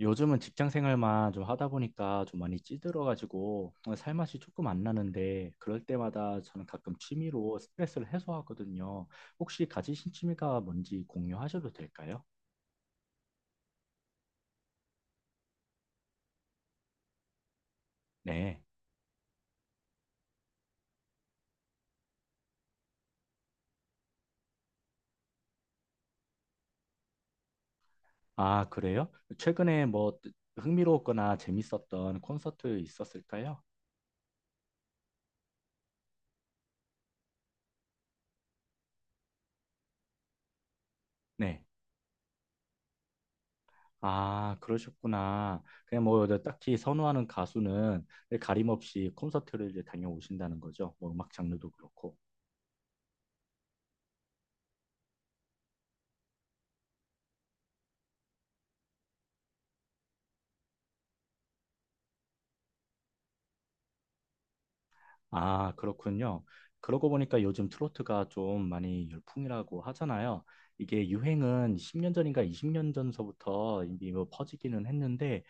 요즘은 직장 생활만 좀 하다 보니까 좀 많이 찌들어가지고 살맛이 조금 안 나는데 그럴 때마다 저는 가끔 취미로 스트레스를 해소하거든요. 혹시 가지신 취미가 뭔지 공유하셔도 될까요? 네. 아, 그래요? 최근에 뭐 흥미로웠거나 재밌었던 콘서트 있었을까요? 네. 아, 그러셨구나. 그냥 뭐 딱히 선호하는 가수는 가림 없이 콘서트를 이제 다녀오신다는 거죠. 뭐 음악 장르도 그렇고. 아, 그렇군요. 그러고 보니까 요즘 트로트가 좀 많이 열풍이라고 하잖아요. 이게 유행은 10년 전인가 20년 전서부터 이미 뭐 퍼지기는 했는데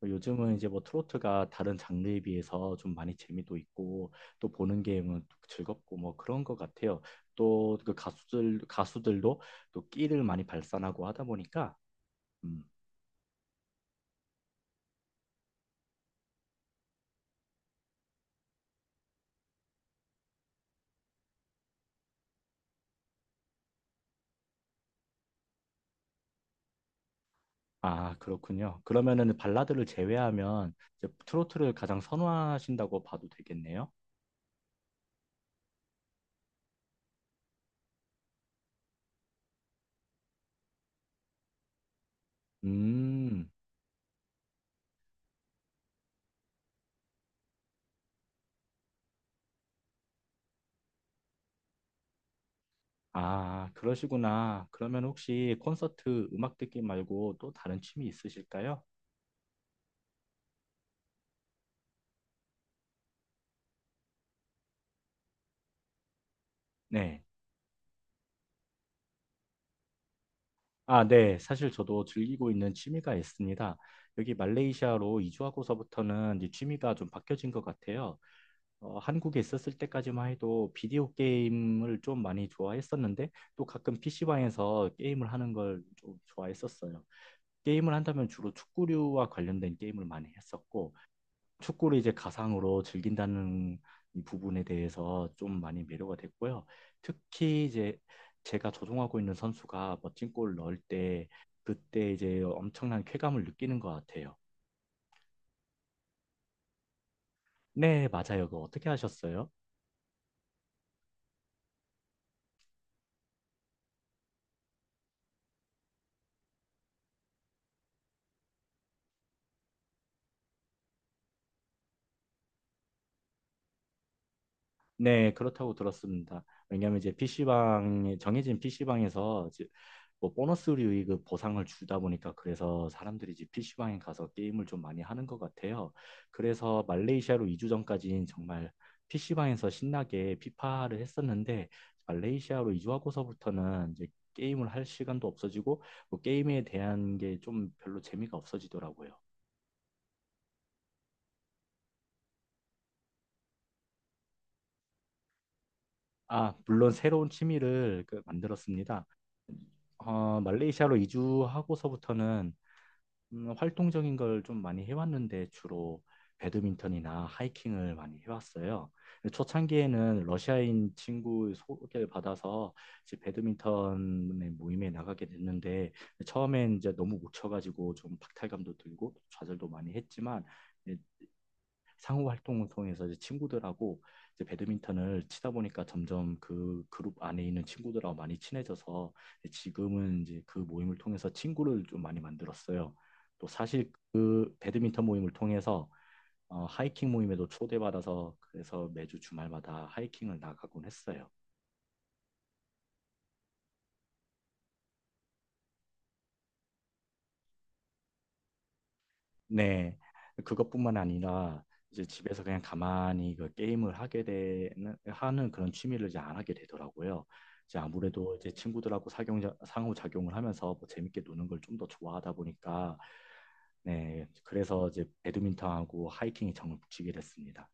뭐 요즘은 이제 뭐 트로트가 다른 장르에 비해서 좀 많이 재미도 있고 또 보는 게뭐 즐겁고 뭐 그런 것 같아요. 또 그 가수들도 또 끼를 많이 발산하고 하다 보니까 음, 아, 그렇군요. 그러면은 발라드를 제외하면 이제 트로트를 가장 선호하신다고 봐도 되겠네요. 음, 아, 그러시구나. 그러면 혹시 콘서트 음악 듣기 말고 또 다른 취미 있으실까요? 네. 아, 네. 사실 저도 즐기고 있는 취미가 있습니다. 여기 말레이시아로 이주하고서부터는 이제 취미가 좀 바뀌어진 것 같아요. 어, 한국에 있었을 때까지만 해도 비디오 게임을 좀 많이 좋아했었는데 또 가끔 PC방에서 게임을 하는 걸 좀 좋아했었어요. 게임을 한다면 주로 축구류와 관련된 게임을 많이 했었고 축구를 이제 가상으로 즐긴다는 이 부분에 대해서 좀 많이 매료가 됐고요. 특히 이제 제가 조종하고 있는 선수가 멋진 골을 넣을 때 그때 이제 엄청난 쾌감을 느끼는 것 같아요. 네, 맞아요. 그거 어떻게 하셨어요? 네, 그렇다고 들었습니다. 왜냐하면 이제 PC방에 정해진 PC방에서 뭐 보너스류 그 보상을 주다 보니까 그래서 사람들이 이제 PC방에 가서 게임을 좀 많이 하는 것 같아요. 그래서 말레이시아로 2주 전까지는 정말 PC방에서 신나게 피파를 했었는데 말레이시아로 이주하고서부터는 이제 게임을 할 시간도 없어지고 뭐 게임에 대한 게 좀 별로 재미가 없어지더라고요. 아, 물론 새로운 취미를 그 만들었습니다. 어, 말레이시아로 이주하고서부터는 활동적인 걸 좀 많이 해왔는데 주로 배드민턴이나 하이킹을 많이 해왔어요. 초창기에는 러시아인 친구 소개를 받아서 이제 배드민턴의 모임에 나가게 됐는데 처음엔 이제 너무 못 쳐가지고 좀 박탈감도 들고 좌절도 많이 했지만 상호 활동을 통해서 이제 친구들하고 이제 배드민턴을 치다 보니까 점점 그 그룹 안에 있는 친구들하고 많이 친해져서 지금은 이제 그 모임을 통해서 친구를 좀 많이 만들었어요. 또 사실 그 배드민턴 모임을 통해서 어, 하이킹 모임에도 초대받아서 그래서 매주 주말마다 하이킹을 나가곤 했어요. 네, 그것뿐만 아니라 이제 집에서 그냥 가만히 그 게임을 하게 되는 하는 그런 취미를 이제 안 하게 되더라고요. 이제 아무래도 이제 친구들하고 상호작용을 하면서 뭐 재밌게 노는 걸 좀 더 좋아하다 보니까 네, 그래서 이제 배드민턴하고 하이킹이 정을 붙이게 됐습니다.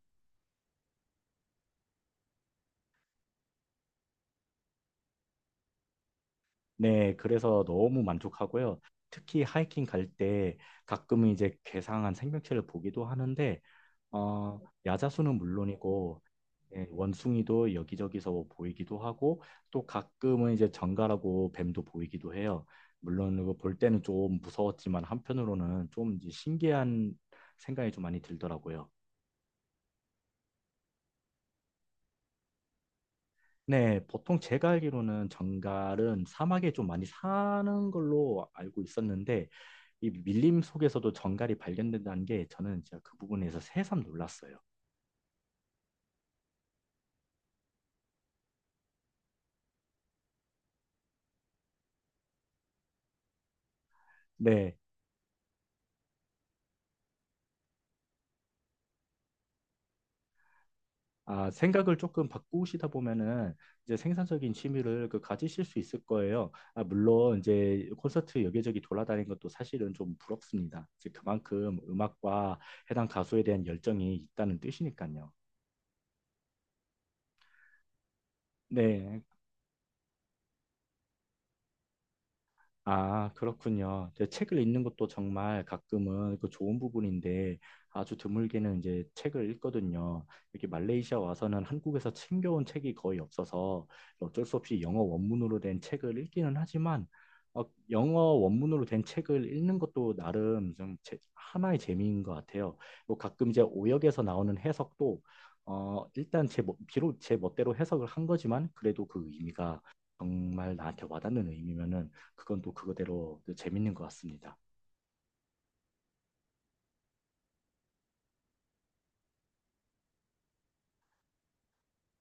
네, 그래서 너무 만족하고요. 특히 하이킹 갈 때 가끔은 이제 괴상한 생명체를 보기도 하는데 어, 야자수는 물론이고 예, 원숭이도 여기저기서 보이기도 하고 또 가끔은 이제 정갈하고 뱀도 보이기도 해요. 물론 이거 볼 때는 좀 무서웠지만 한편으로는 좀 이제 신기한 생각이 좀 많이 들더라고요. 네, 보통 제가 알기로는 정갈은 사막에 좀 많이 사는 걸로 알고 있었는데 이 밀림 속에서도 정갈이 발견된다는 게 저는 진짜 그 부분에서 새삼 놀랐어요. 네, 아, 생각을 조금 바꾸시다 보면은 이제 생산적인 취미를 그 가지실 수 있을 거예요. 아, 물론 이제 콘서트 여기저기 돌아다니는 것도 사실은 좀 부럽습니다. 이제 그만큼 음악과 해당 가수에 대한 열정이 있다는 뜻이니까요. 네. 아, 그렇군요. 이제 책을 읽는 것도 정말 가끔은 그 좋은 부분인데 아주 드물게는 이제 책을 읽거든요. 여기 말레이시아 와서는 한국에서 챙겨온 책이 거의 없어서 어쩔 수 없이 영어 원문으로 된 책을 읽기는 하지만 어, 영어 원문으로 된 책을 읽는 것도 나름 좀 하나의 재미인 것 같아요. 뭐 가끔 이제 오역에서 나오는 해석도 어, 일단 비록 제 멋대로 해석을 한 거지만 그래도 그 의미가 정말 나한테 와닿는 의미면은 그건 또 그거대로 또 재밌는 것 같습니다.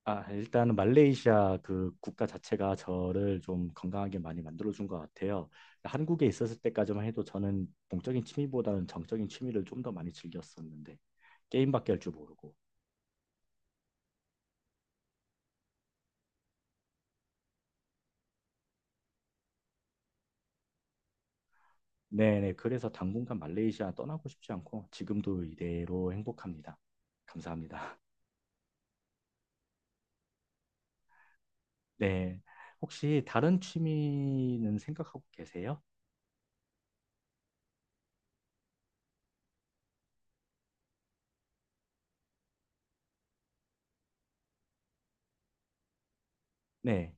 아, 일단은 말레이시아 그 국가 자체가 저를 좀 건강하게 많이 만들어준 것 같아요. 한국에 있었을 때까지만 해도 저는 동적인 취미보다는 정적인 취미를 좀 더 많이 즐겼었는데 게임밖에 할 줄 모르고. 네네. 그래서 당분간 말레이시아 떠나고 싶지 않고 지금도 이대로 행복합니다. 감사합니다. 네. 혹시 다른 취미는 생각하고 계세요? 네.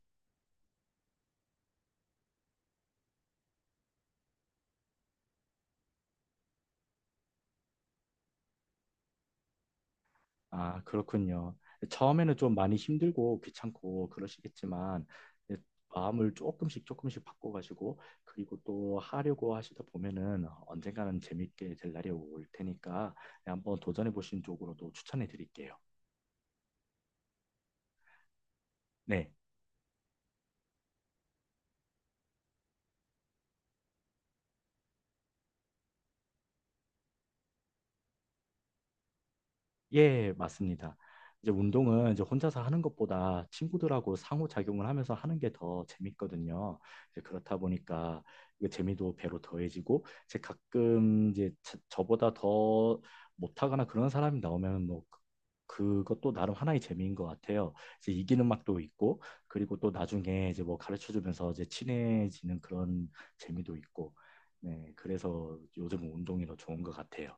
아, 그렇군요. 처음에는 좀 많이 힘들고 귀찮고 그러시겠지만 이제 마음을 조금씩 조금씩 바꿔가지고 그리고 또 하려고 하시다 보면은 언젠가는 재밌게 될 날이 올 테니까 한번 도전해 보신 쪽으로도 추천해 드릴게요. 네. 예, 맞습니다. 이제 운동은 이제 혼자서 하는 것보다 친구들하고 상호작용을 하면서 하는 게 더 재밌거든요. 이제 그렇다 보니까 그 재미도 배로 더해지고, 제 가끔 이제 저보다 더 못하거나 그런 사람이 나오면 뭐 그것도 나름 하나의 재미인 것 같아요. 이제 이기는 맛도 있고, 그리고 또 나중에 이제 뭐 가르쳐 주면서 이제 친해지는 그런 재미도 있고, 네, 그래서 요즘 운동이 더 좋은 것 같아요.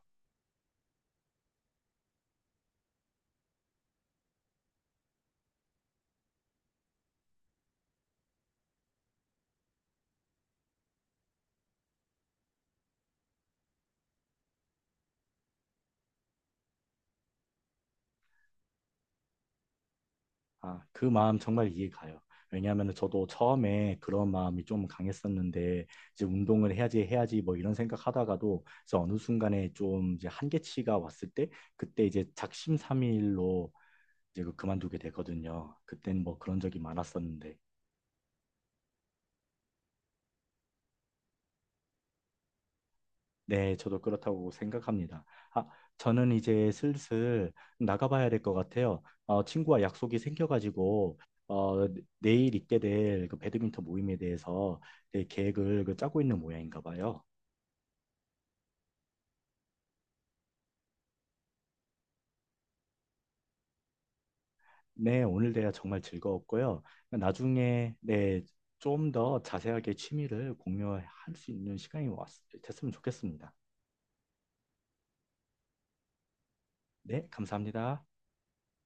아, 그 마음 정말 이해가요. 왜냐하면 저도 처음에 그런 마음이 좀 강했었는데 이제 운동을 해야지 해야지 뭐 이런 생각하다가도 이제 어느 순간에 좀 이제 한계치가 왔을 때 그때 이제 작심삼일로 이제 그만두게 되거든요. 그땐 뭐 그런 적이 많았었는데 네, 저도 그렇다고 생각합니다. 아, 저는 이제 슬슬 나가봐야 될 것 같아요. 어, 친구와 약속이 생겨가지고 어, 네, 내일 있게 될 그 배드민턴 모임에 대해서 네, 계획을 그 짜고 있는 모양인가 봐요. 네, 오늘 대화 정말 즐거웠고요. 나중에 네, 좀 더 자세하게 취미를 공유할 수 있는 시간이 됐으면 좋겠습니다. 네, 감사합니다.